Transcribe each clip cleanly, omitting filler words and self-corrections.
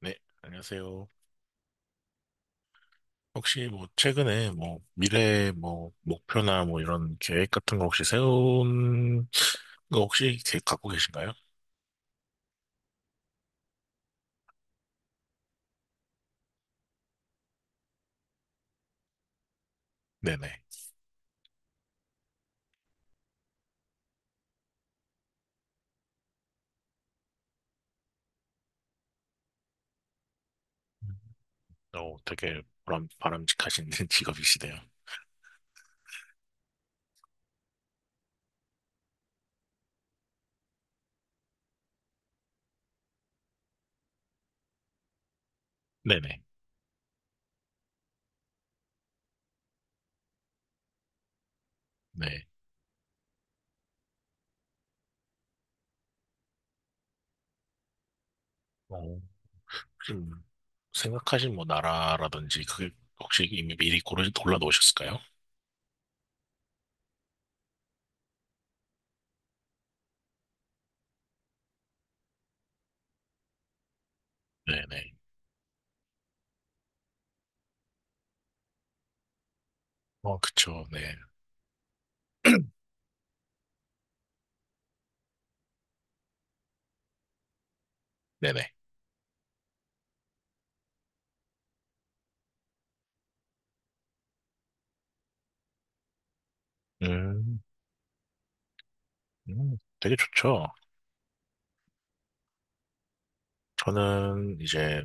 네, 안녕하세요. 혹시 뭐 최근에 뭐 미래 뭐 목표나 뭐 이런 계획 같은 거 혹시 세운 거 혹시 계획 갖고 계신가요? 네네. 음. 어, 되게 바람직하신 직업이시네요. 네네. 네. 어, 혹시 뭐 생각하신 뭐 나라라든지 그게 혹시 이미 미리 고르 골라 놓으셨을까요? 네네. 어, 그쵸. 네. 네네. 음, 되게 좋죠. 저는 이제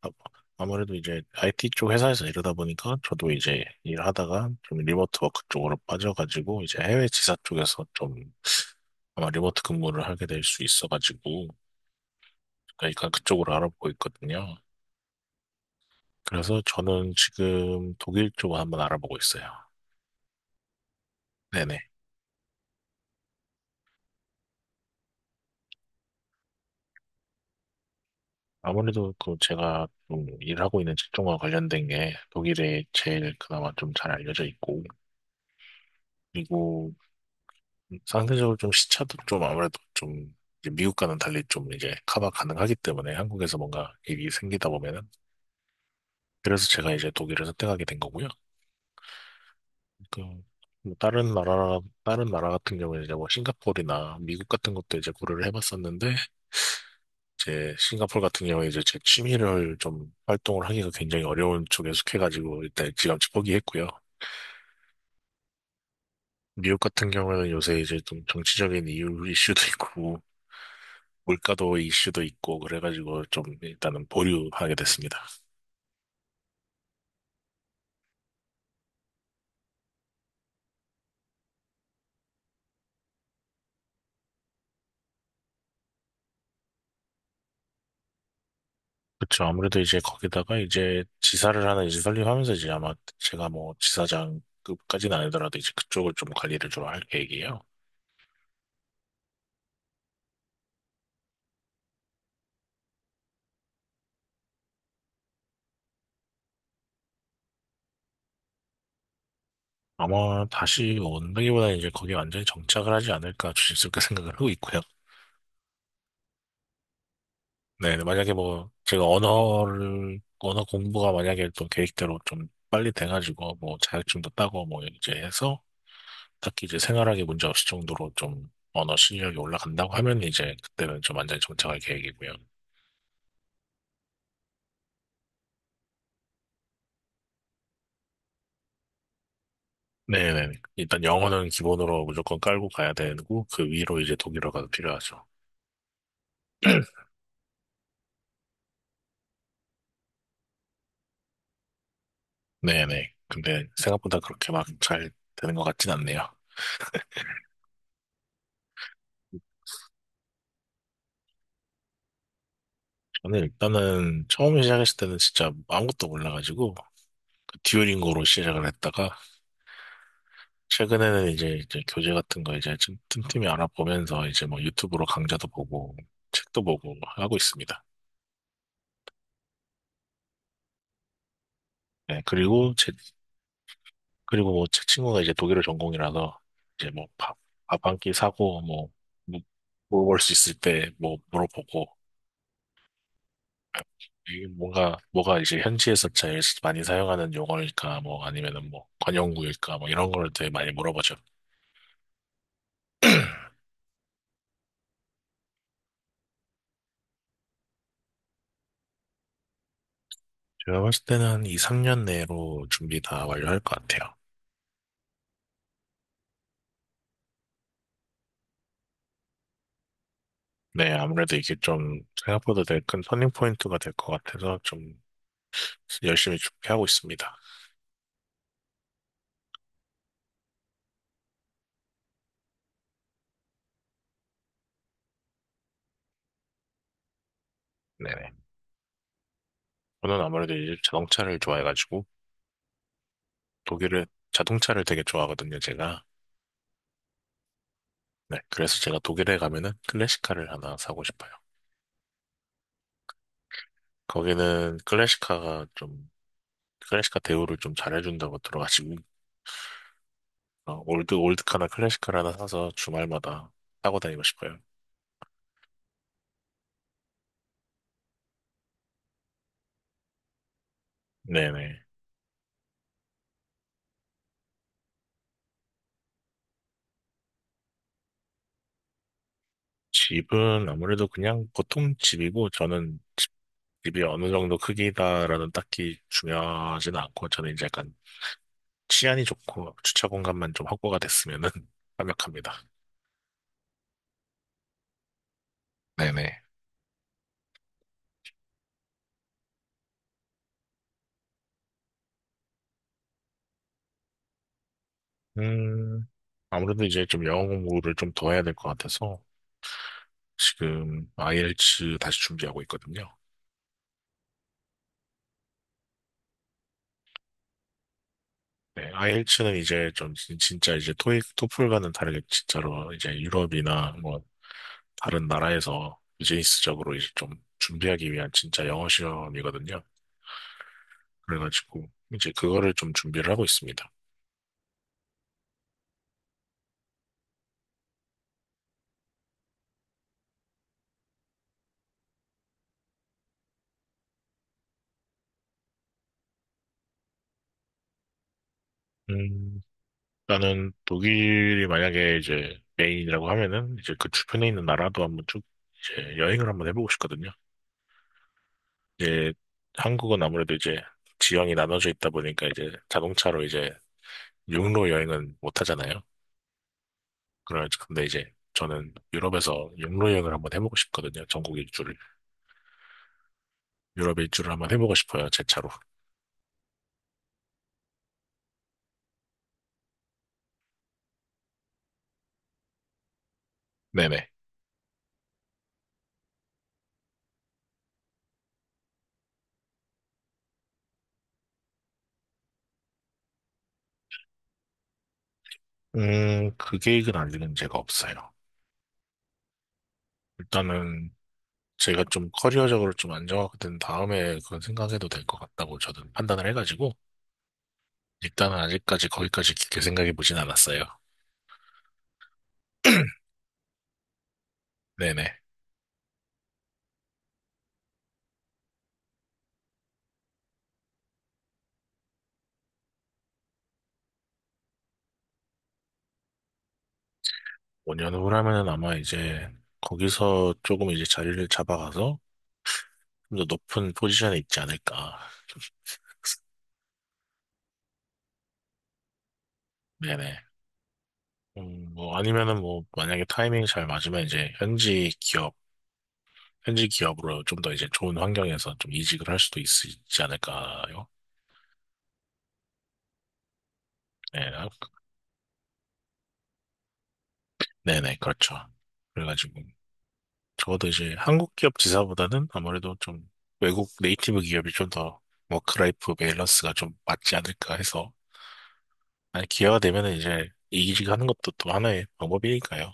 아- 아무래도 이제 IT 쪽 회사에서 이러다 보니까 저도 이제 일하다가 좀 리모트 워크 쪽으로 빠져가지고 이제 해외 지사 쪽에서 좀 아마 리모트 근무를 하게 될 수 있어가지고 그러니까 그쪽으로 알아보고 있거든요. 그래서 저는 지금 독일 쪽을 한번 알아보고 있어요. 네네. 아무래도 그 제가 좀 일하고 있는 직종과 관련된 게 독일에 제일 그나마 좀 잘 알려져 있고, 그리고 상대적으로 좀 시차도 좀 아무래도 좀 이제 미국과는 달리 좀 이제 커버 가능하기 때문에 한국에서 뭔가 일이 생기다 보면은, 그래서 제가 이제 독일을 선택하게 된 거고요. 그, 뭐 다른 나라, 다른 나라 같은 경우에 이제 뭐 싱가포르나 미국 같은 것도 이제 고려를 해봤었는데 이제 싱가포르 같은 경우에 이제 제 취미를 좀 활동을 하기가 굉장히 어려운 쪽에 속해가지고 일단 지감치 포기했고요. 미국 같은 경우에는 요새 이제 좀 정치적인 이유 이슈도 있고 물가도 이슈도 있고 그래가지고 좀 일단은 보류하게 됐습니다. 그쵸. 아무래도 이제 거기다가 이제 지사를 하나 이제 설립하면서 이제 아마 제가 뭐 지사장급까지는 아니더라도 이제 그쪽을 좀 관리를 주로 할 계획이에요. 아마 다시 온다기보다는 이제 거기 완전히 정착을 하지 않을까 조심스럽게 생각을 하고 있고요. 네, 만약에 뭐 제가 언어 공부가 만약에 또 계획대로 좀 빨리 돼가지고 뭐 자격증도 따고 뭐 이제 해서 딱히 이제 생활하기 문제 없을 정도로 좀 언어 실력이 올라간다고 하면 이제 그때는 좀 완전히 정착할 계획이고요. 네네. 일단 영어는 기본으로 무조건 깔고 가야 되고 그 위로 이제 독일어가 필요하죠. 네네. 근데 생각보다 그렇게 막 잘 되는 것 같진 않네요. 저는 일단은 처음 시작했을 때는 진짜 아무것도 몰라가지고 그 듀오링고로 시작을 했다가 최근에는 이제 교재 같은 거 이제 좀 틈틈이 알아보면서 이제 뭐 유튜브로 강좌도 보고 책도 보고 하고 있습니다. 네, 그리고 뭐 제 친구가 이제 독일어 전공이라서 이제 뭐 밥 한 끼 사고 뭐, 뭐 물어볼 수 있을 때 뭐 물어보고 이게 뭔가 뭐가 이제 현지에서 제일 많이 사용하는 용어일까 뭐 아니면은 뭐 관용구일까 뭐 이런 거를 되게 많이 물어보죠. 제가 봤을 때는 한 2, 3년 내로 준비 다 완료할 것 같아요. 네, 아무래도 이게 좀 생각보다 되게 큰 터닝 포인트가 될 것 같아서 좀 열심히 준비하고 있습니다. 네네. 저는 아무래도 이제 자동차를 좋아해가지고 독일을 자동차를 되게 좋아하거든요, 제가. 네, 그래서 제가 독일에 가면은 클래식카를 하나 사고 싶어요. 거기는 클래식카가 좀 클래식카 대우를 좀 잘해준다고 들어가지고 어, 올드카나 클래식카를 하나 사서 주말마다 타고 다니고 싶어요. 네네. 집은 아무래도 그냥 보통 집이고 저는 집이 어느 정도 크기다라는 딱히 중요하진 않고 저는 이제 약간 치안이 좋고 주차 공간만 좀 확보가 됐으면은 완벽합니다. 네네. 음, 아무래도 이제 좀 영어 공부를 좀 더 해야 될 것 같아서 지금 IELTS 다시 준비하고 있거든요. 네, IELTS는 이제 좀 진짜 이제 토익, 토플과는 다르게 진짜로 이제 유럽이나 뭐 다른 나라에서 비즈니스적으로 이제 좀 준비하기 위한 진짜 영어 시험이거든요. 그래가지고 이제 그거를 좀 준비를 하고 있습니다. 음, 나는 독일이 만약에 이제 메인이라고 하면은 이제 그 주변에 있는 나라도 한번 쭉 이제 여행을 한번 해보고 싶거든요. 이제 한국은 아무래도 이제 지형이 나눠져 있다 보니까 이제 자동차로 이제 육로 여행은 못 하잖아요. 그래, 근데 이제 저는 유럽에서 육로 여행을 한번 해보고 싶거든요. 전국 일주를. 유럽 일주를 한번 해보고 싶어요. 제 차로. 네네. 그 계획은 아직은 제가 없어요. 일단은 제가 좀 커리어적으로 좀 안정화가 된 다음에 그건 생각해도 될 것 같다고 저는 판단을 해가지고 일단은 아직까지 거기까지 깊게 생각해 보진 않았어요. 네네. 5년 후라면은 아마 이제 거기서 조금 이제 자리를 잡아가서 좀 더 높은 포지션에 있지 않을까. 네네. 뭐 아니면은 뭐 만약에 타이밍이 잘 맞으면 이제 현지 기업으로 좀 더 이제 좋은 환경에서 좀 이직을 할 수도 있지 않을까요? 네, 아, 네네, 그렇죠. 그래가지고 적어도 이제 한국 기업 지사보다는 아무래도 좀 외국 네이티브 기업이 좀 더 워크라이프 밸런스가 좀 맞지 않을까 해서, 아니, 기회가 되면은 이제 이직 하는 것도 또 하나의 방법이니까요.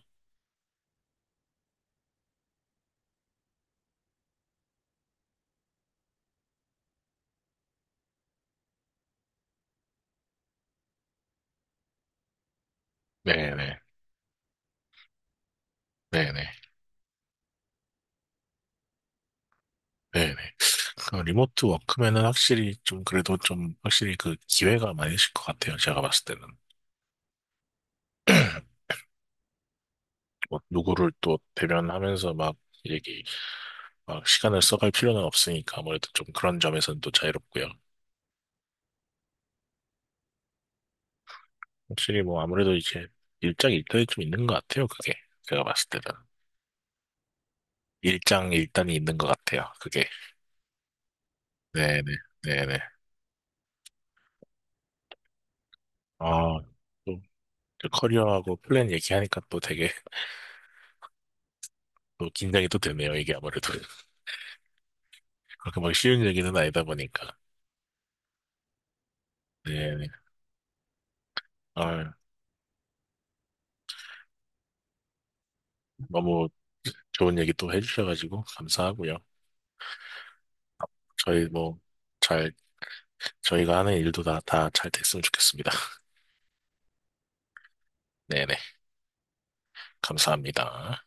네네. 네네. 네네. 그 리모트 워크면은 확실히 좀 그래도 좀 확실히 그 기회가 많으실 것 같아요. 제가 봤을 때는. 뭐 누구를 또 대면하면서 막 얘기, 막 시간을 써갈 필요는 없으니까 아무래도 좀 그런 점에서는 또 자유롭고요. 확실히 뭐 아무래도 이제 일장 일단이 좀 있는 것 같아요. 그게. 제가 봤을 때는. 일장 일단이 있는 것 같아요. 그게. 네네. 네네. 아, 또 커리어하고 플랜 얘기하니까 또 되게 또 긴장이 또 되네요. 이게 아무래도 그렇게 막 쉬운 얘기는 아니다 보니까. 네. 네. 아, 너무 좋은 얘기 또 해주셔가지고 감사하고요. 저희 뭐 잘 저희가 하는 일도 다 잘 됐으면 좋겠습니다. 네네. 감사합니다.